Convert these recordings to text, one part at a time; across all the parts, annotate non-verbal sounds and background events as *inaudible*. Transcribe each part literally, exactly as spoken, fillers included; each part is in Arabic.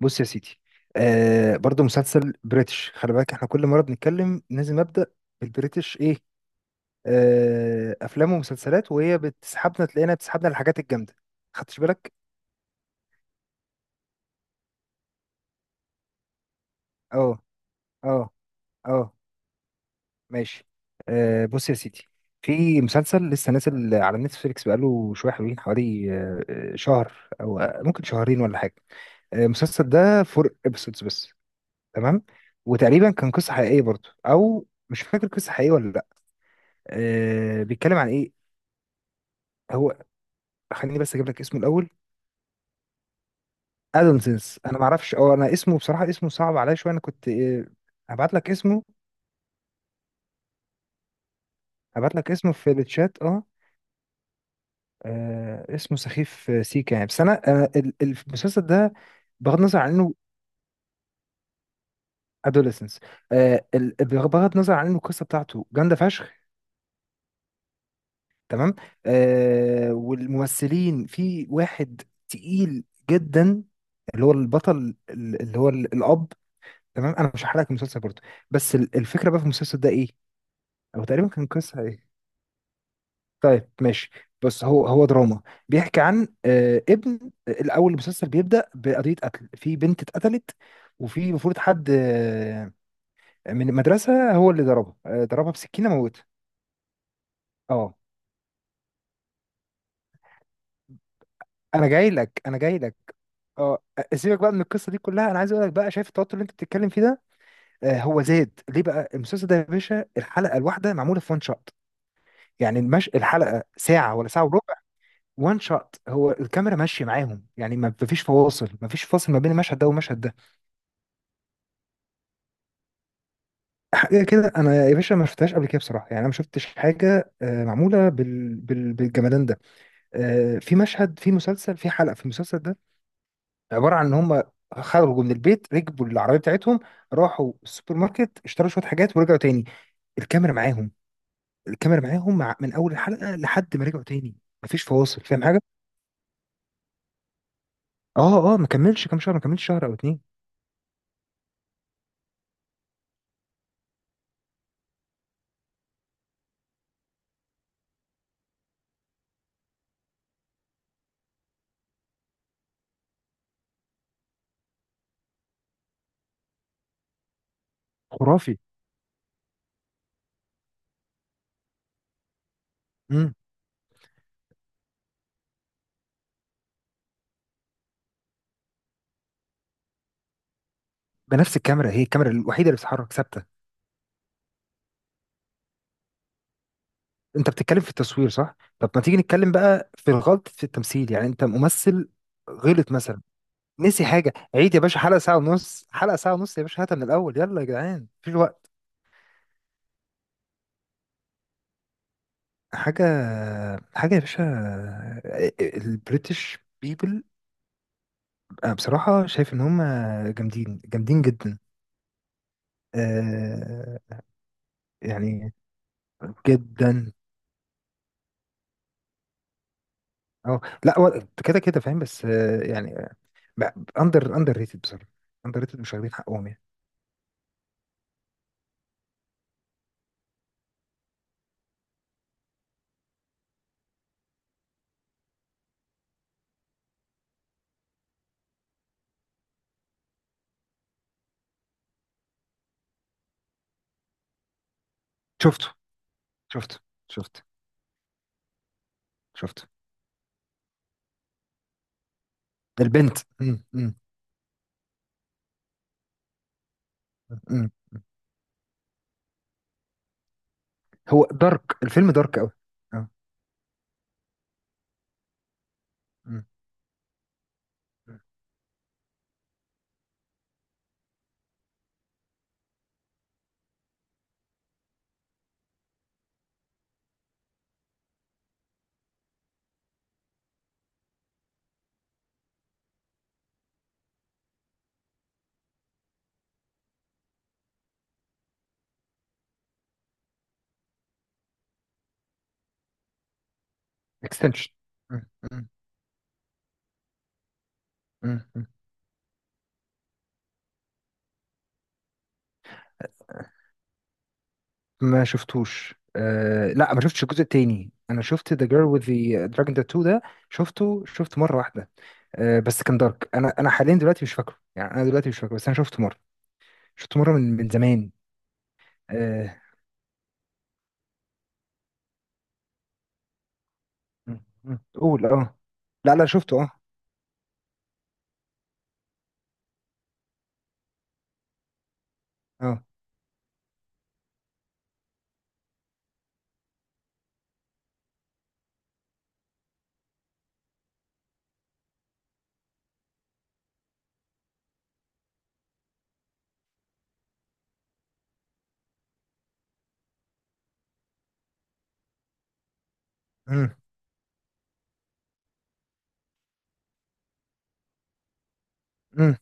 بص يا سيدي. آه برضو مسلسل بريتش، خلي بالك احنا كل مرة بنتكلم لازم أبدأ بالبريتش ايه. آه أفلام ومسلسلات، وهي بتسحبنا، تلاقينا بتسحبنا الحاجات الجامدة. خدتش بالك؟ اه. اه. اه. ماشي. آه بص يا سيدي، في مسلسل لسه نازل على نتفليكس بقاله شوية حلوين، حوالي آه آه، شهر أو آه، ممكن شهرين ولا حاجة. آه، المسلسل ده فور ابيسودز بس. تمام. وتقريبا كان قصة حقيقية برضو، أو مش فاكر قصة حقيقية ولا لأ. آه بيتكلم عن ايه هو، خليني بس اجيب لك اسمه الاول. ادونسنس، انا ما اعرفش اه انا اسمه بصراحه، اسمه صعب عليا شويه، انا كنت آه هبعت لك اسمه هبعت لك اسمه في الشات. اه. آه، اسمه سخيف. آه، سيكا يعني، بس انا آه، ال- ال- المسلسل ده بغض النظر عن انه ادوليسنس، آه ال- بغض النظر عن انه القصه بتاعته جامده فشخ. تمام. آه والممثلين، في واحد تقيل جدا، اللي هو البطل ال- اللي هو ال- الاب. تمام، انا مش هحرقك المسلسل برضه، بس ال- الفكره بقى في المسلسل ده ايه، او تقريبا كان قصه ايه. طيب ماشي، بس هو هو دراما. بيحكي عن آه ابن. آه، الاول المسلسل بيبدا بقضيه قتل، في بنت اتقتلت، وفي المفروض حد آه من المدرسه هو اللي ضربها، آه ضربها بسكينه، موتها. اه. انا جاي لك، انا جاي لك. اه. آه، سيبك بقى من القصه دي كلها، انا عايز اقول لك بقى، شايف التوتر اللي انت بتتكلم فيه ده؟ آه هو زاد ليه بقى المسلسل ده، يا باشا الحلقه الواحده معموله في وان شوت. يعني المش... الحلقه ساعه ولا ساعه وربع. وان شوت، هو الكاميرا ماشيه معاهم، يعني ما فيش فواصل، ما فيش فاصل ما بين المشهد ده والمشهد ده. حاجه كده انا يا باشا ما شفتهاش قبل كده بصراحه، يعني انا ما شفتش حاجه آه، معموله بال... بال... بالجمدان ده. آه، في مشهد، في مسلسل، في حلقه في المسلسل ده، عباره عن ان هم خرجوا من البيت، ركبوا العربيه بتاعتهم، راحوا السوبر ماركت، اشتروا شويه حاجات ورجعوا تاني، الكاميرا معاهم. الكاميرا معاهم مع... من اول الحلقه لحد ما رجعوا تاني. ما فيش فواصل، فاهم حاجه؟ اه. اه، ما كملش كام شهر، ما كملش شهر او اتنين. خرافي. مم. بنفس الكاميرا، هي الكاميرا الوحيده اللي بتتحرك، ثابته. انت بتتكلم في التصوير، صح؟ طب ما تيجي نتكلم بقى في الغلط في التمثيل، يعني انت ممثل غلط مثلا، نسي حاجه. عيد يا باشا، حلقه ساعه ونص، حلقه ساعه ونص يا باشا، هاتها من الاول، يلا يا جدعان مفيش وقت. حاجه. حاجه يا باشا، البريتش بيبل، انا بصراحه شايف ان هم جامدين، جامدين جدا. آه، يعني جدا. اه، لا هو كده كده فاهم، بس آه، يعني اندر اندر ريتد بصراحه. اندر ريتد، مش واخدين حقهم يعني. شفته. شفته. شفته. شفته. البنت. مم. مم. مم. هو دارك، الفيلم دارك قوي. اه. اكستنشن. ما شفتوش. آه لا، ما شفتش الجزء التاني، انا شفت ذا جيرل وذ ذا دراجون تاتو ده. شفته، شفت مره واحده. آه بس كان دارك، انا انا حاليا دلوقتي مش فاكره، يعني انا دلوقتي مش فاكره، بس انا شفته مره، شفته مره من من زمان. آه. مم. مم. قول اه. لا، لا، شفته. اه. اه. مم. مم.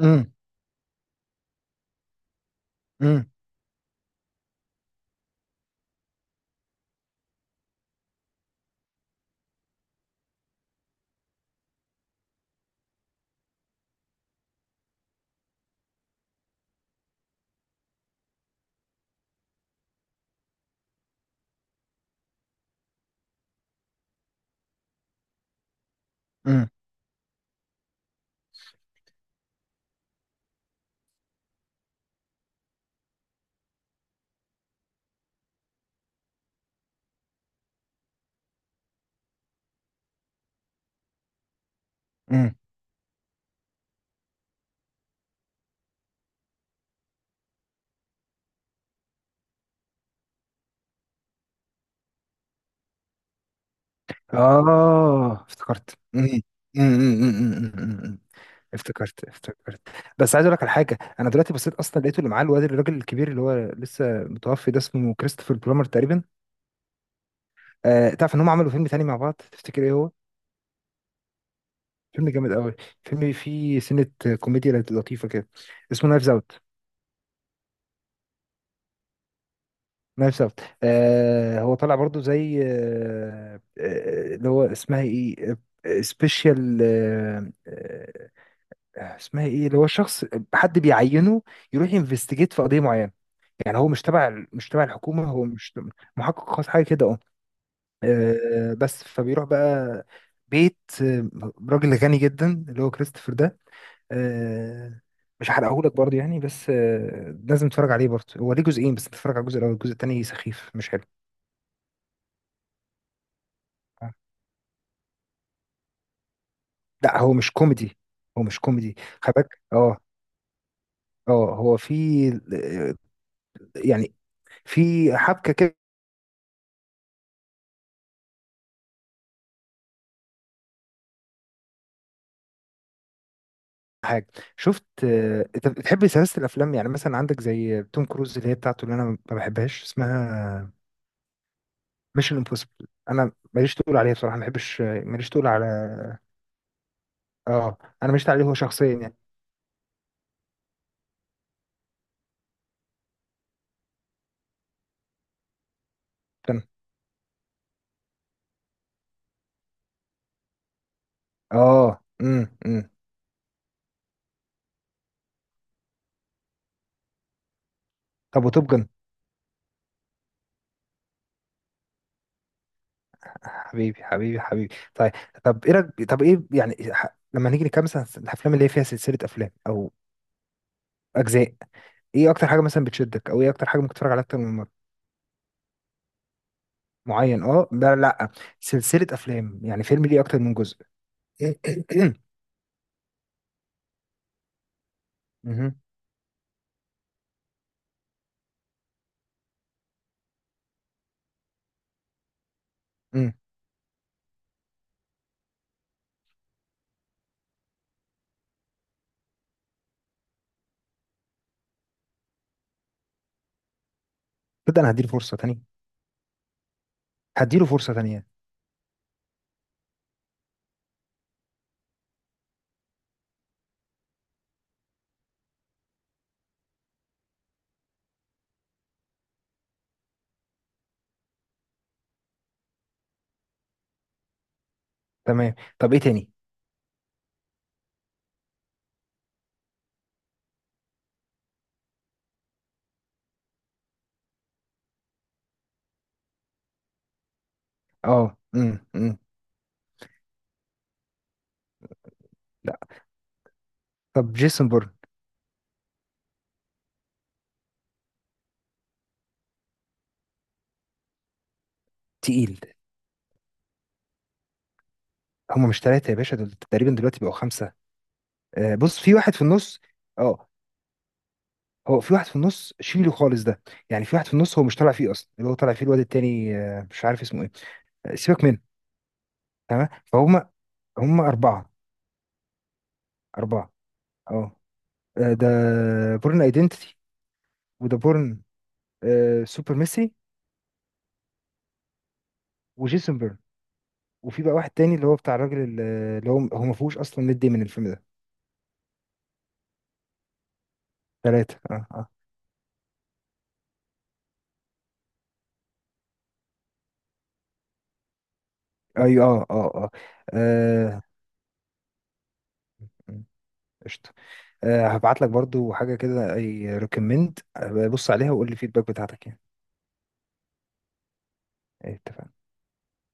مم. مم. مم. مم. اه، افتكرت. مم. مم. مم. مم. مم. مم. مم. افتكرت، افتكرت، بس عايز اقول لك على حاجه. انا دلوقتي بصيت اصلا، لقيته اللي معاه الواد الراجل الكبير اللي هو لسه متوفي ده، اسمه كريستوفر بلومر تقريبا. آه تعرف ان هم عملوا فيلم تاني مع بعض، تفتكر ايه هو؟ فيلم جامد قوي، فيلم فيه سنه، كوميديا لطيفه كده، اسمه نايفز اوت. نايف سافت. آه هو طلع برضو زي آه آه، اللي هو اسمها ايه، سبيشال. آه، آه، اسمها ايه اللي هو شخص، حد بيعينه يروح ينفستيجيت في قضيه معينه، يعني هو مش تبع ال- مش تبع الحكومه، هو مش تبع- محقق خاص، حاجه كده اه. آه، بس فبيروح بقى بيت آه، راجل غني جدا اللي هو كريستوفر ده. آه، مش هحرقهولك برضه يعني، بس آه، لازم تتفرج عليه برضه. هو ليه جزئين، بس تتفرج على الجزء الاول، الجزء التاني سخيف مش حلو. لا، هو مش كوميدي، هو مش كوميدي. خلي بالك. اه. اه، هو في آه، يعني في حبكه كده حاجه. شفت آه، انت بتحب سلاسل الافلام، يعني مثلا عندك زي توم كروز اللي هي بتاعته اللي انا ما بحبهاش، اسمها ميشن امبوسيبل. انا ماليش تقول عليها بصراحه، ما بحبش، ماليش تقول على. اه. انا ماليش تقول عليه هو شخصيا يعني. كان- اه. امم امم طب وتوب جن. حبيبي، حبيبي، حبيبي، طيب. طب ايه رأيك- طب ايه يعني ح- لما نيجي نكمل مثلا، الافلام اللي هي فيها سلسله افلام او اجزاء، ايه اكتر حاجه مثلا بتشدك، او ايه اكتر حاجه ممكن تتفرج عليها اكتر من مره؟ معين، اه، لا، لا، سلسله افلام يعني فيلم ليه اكتر من جزء. *clears throat* مهم. مم. تبدا انا هديله فرصه تانية، هديله فرصه تانية. تمام، طب ايه تاني؟ اه. امم امم لا، طب جيسون بورن. تقيل. هم مش ثلاثه يا باشا، دول تقريبا دلوقتي بقوا خمسه. آه بص، في واحد في النص. اه، هو في واحد في النص شيله خالص ده، يعني في واحد في النص هو مش طالع فيه اصلا، اللي هو طالع فيه الواد التاني. آه مش عارف اسمه ايه. آه، سيبك منه. تمام فهم. هم أربعة. أربعة. اه. آه، ده بورن ايدنتيتي، وده بورن آه، سوبر ميسي، وجيسون بيرن، وفي بقى واحد تاني اللي هو بتاع الراجل ال- اللي هو هو ما فيهوش اصلا ميد داي من الفيلم ده. ثلاثة. اه. اه. ايوه. اه. اه. اه. آه، قشطة. آه، هبعت لك برضو حاجة كده، اي ريكومند، بص عليها وقول لي الفيدباك بتاعتك يعني. إيه، اتفقنا.